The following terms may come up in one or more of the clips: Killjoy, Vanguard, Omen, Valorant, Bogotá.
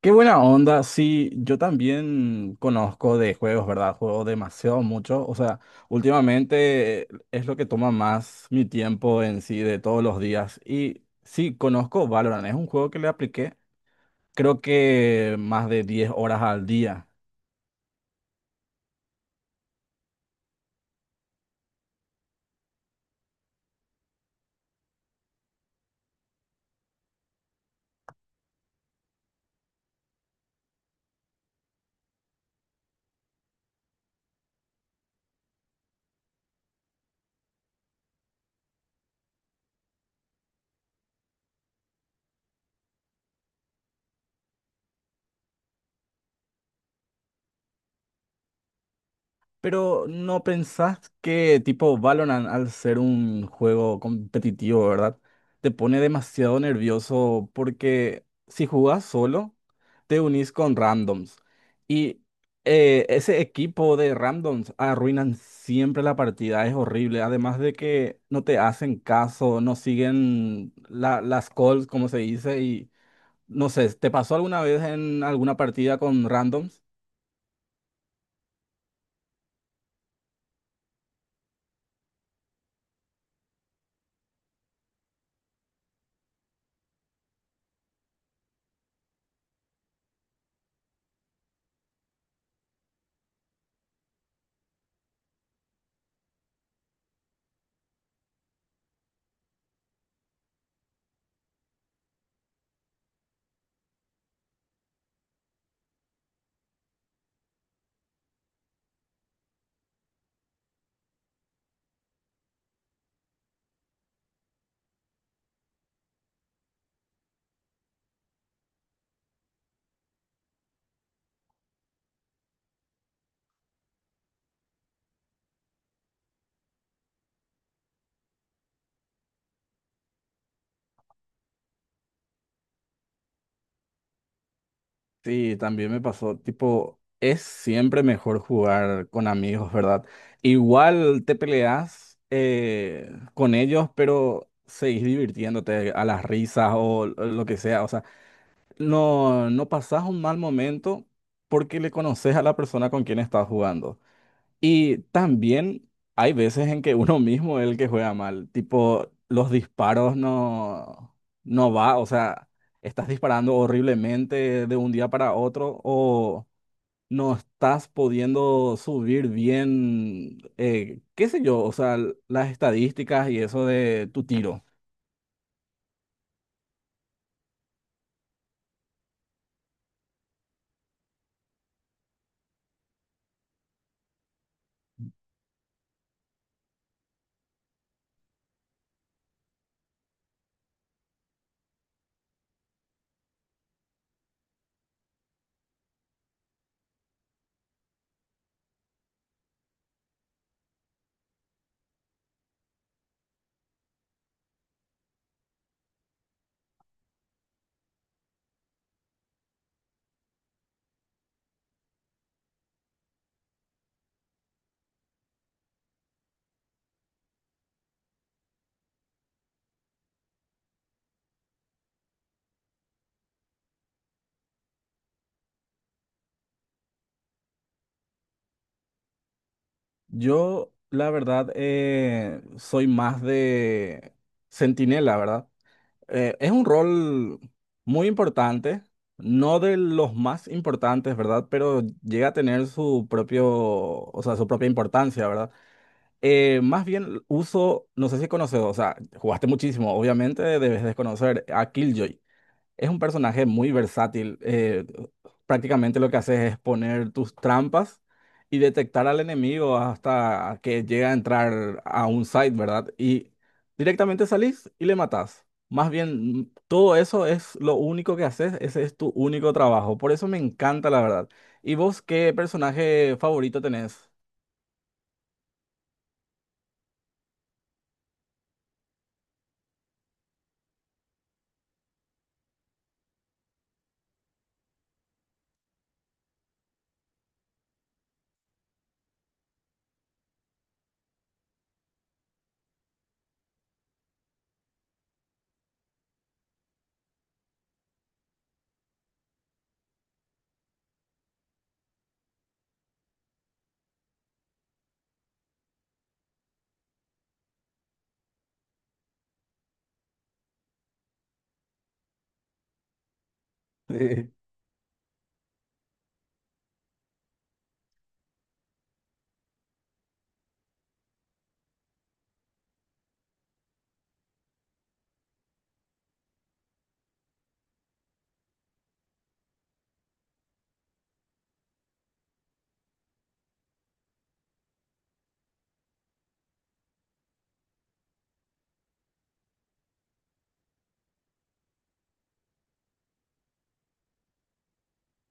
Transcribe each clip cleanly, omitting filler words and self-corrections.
Qué buena onda, sí, yo también conozco de juegos, ¿verdad? Juego demasiado mucho, o sea, últimamente es lo que toma más mi tiempo en sí de todos los días. Y sí, conozco Valorant, es un juego que le apliqué creo que más de 10 horas al día. Pero ¿no pensás que tipo Valorant al ser un juego competitivo, ¿verdad? Te pone demasiado nervioso porque si jugás solo, te unís con randoms. Y Ese equipo de randoms arruinan siempre la partida, es horrible. Además de que no te hacen caso, no siguen las calls, como se dice, y no sé, ¿te pasó alguna vez en alguna partida con randoms? Sí, también me pasó, tipo, es siempre mejor jugar con amigos, ¿verdad? Igual te peleas con ellos, pero seguís divirtiéndote a las risas o lo que sea, o sea, no pasás un mal momento porque le conoces a la persona con quien estás jugando. Y también hay veces en que uno mismo es el que juega mal, tipo los disparos no, no va, o sea, estás disparando horriblemente de un día para otro o no estás pudiendo subir bien, qué sé yo, o sea, las estadísticas y eso de tu tiro. Yo, la verdad, soy más de centinela, ¿verdad? Es un rol muy importante, no de los más importantes, ¿verdad? Pero llega a tener su propio, o sea, su propia importancia, ¿verdad? Más bien uso, no sé si conoces, o sea, jugaste muchísimo, obviamente debes desconocer a Killjoy. Es un personaje muy versátil. Prácticamente lo que haces es poner tus trampas y detectar al enemigo hasta que llega a entrar a un site, ¿verdad? Y directamente salís y le matás. Más bien, todo eso es lo único que haces, ese es tu único trabajo. Por eso me encanta, la verdad. ¿Y vos qué personaje favorito tenés? Sí.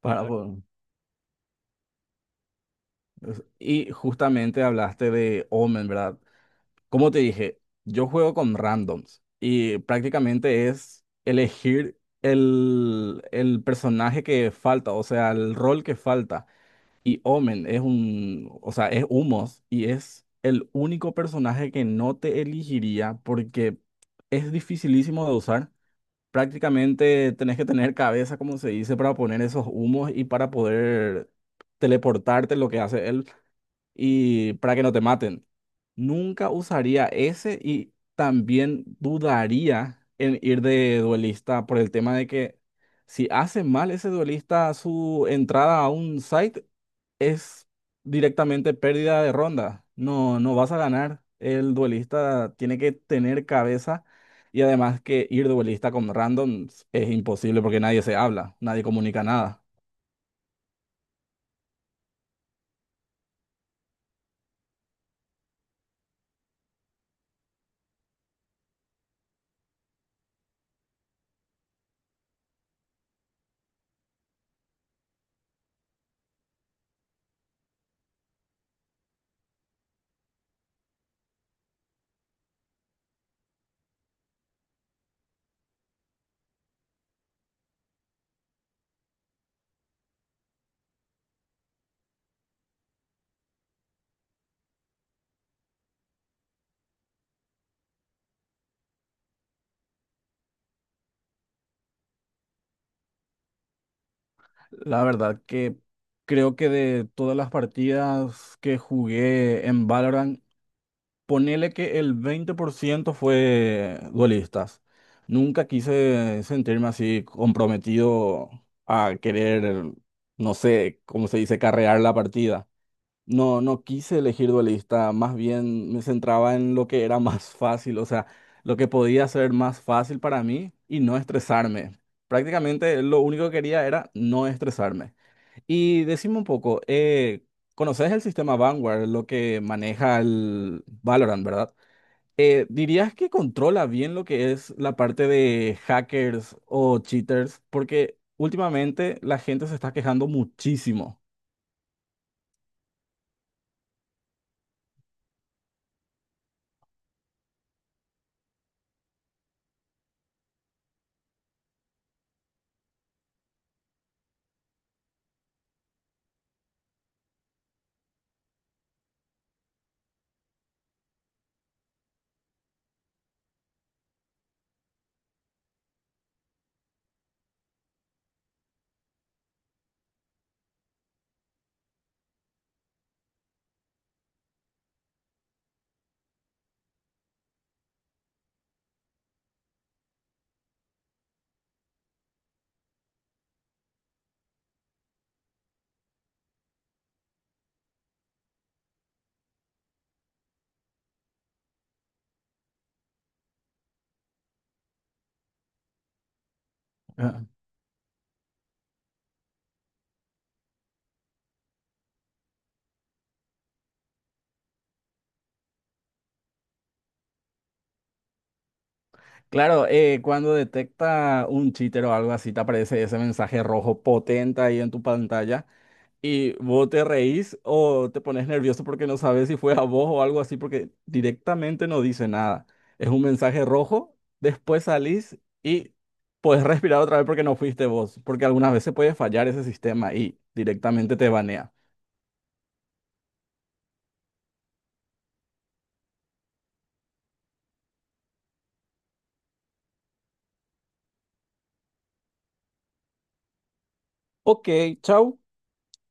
Para, po- y justamente hablaste de Omen, ¿verdad? Como te dije, yo juego con randoms y prácticamente es elegir el personaje que falta, o sea, el rol que falta. Y Omen es un, o sea, es Humos y es el único personaje que no te elegiría porque es dificilísimo de usar. Prácticamente tenés que tener cabeza, como se dice, para poner esos humos y para poder teleportarte, lo que hace él y para que no te maten. Nunca usaría ese y también dudaría en ir de duelista por el tema de que si hace mal ese duelista su entrada a un site es directamente pérdida de ronda. No, no vas a ganar. El duelista tiene que tener cabeza y además que ir duelista con randoms es imposible porque nadie se habla, nadie comunica nada. La verdad que creo que de todas las partidas que jugué en Valorant, ponele que el 20% fue duelistas. Nunca quise sentirme así comprometido a querer, no sé, cómo se dice, carrear la partida. No quise elegir duelista, más bien me centraba en lo que era más fácil, o sea, lo que podía ser más fácil para mí y no estresarme. Prácticamente lo único que quería era no estresarme. Y decime un poco, conoces el sistema Vanguard, lo que maneja el Valorant, ¿verdad? ¿Dirías que controla bien lo que es la parte de hackers o cheaters? Porque últimamente la gente se está quejando muchísimo. Ah. Claro, cuando detecta un cheater o algo así, te aparece ese mensaje rojo potente ahí en tu pantalla. Y vos te reís o te pones nervioso porque no sabes si fue a vos o algo así, porque directamente no dice nada. Es un mensaje rojo, después salís y puedes respirar otra vez porque no fuiste vos, porque algunas veces puede fallar ese sistema y directamente te banea. Ok, chau.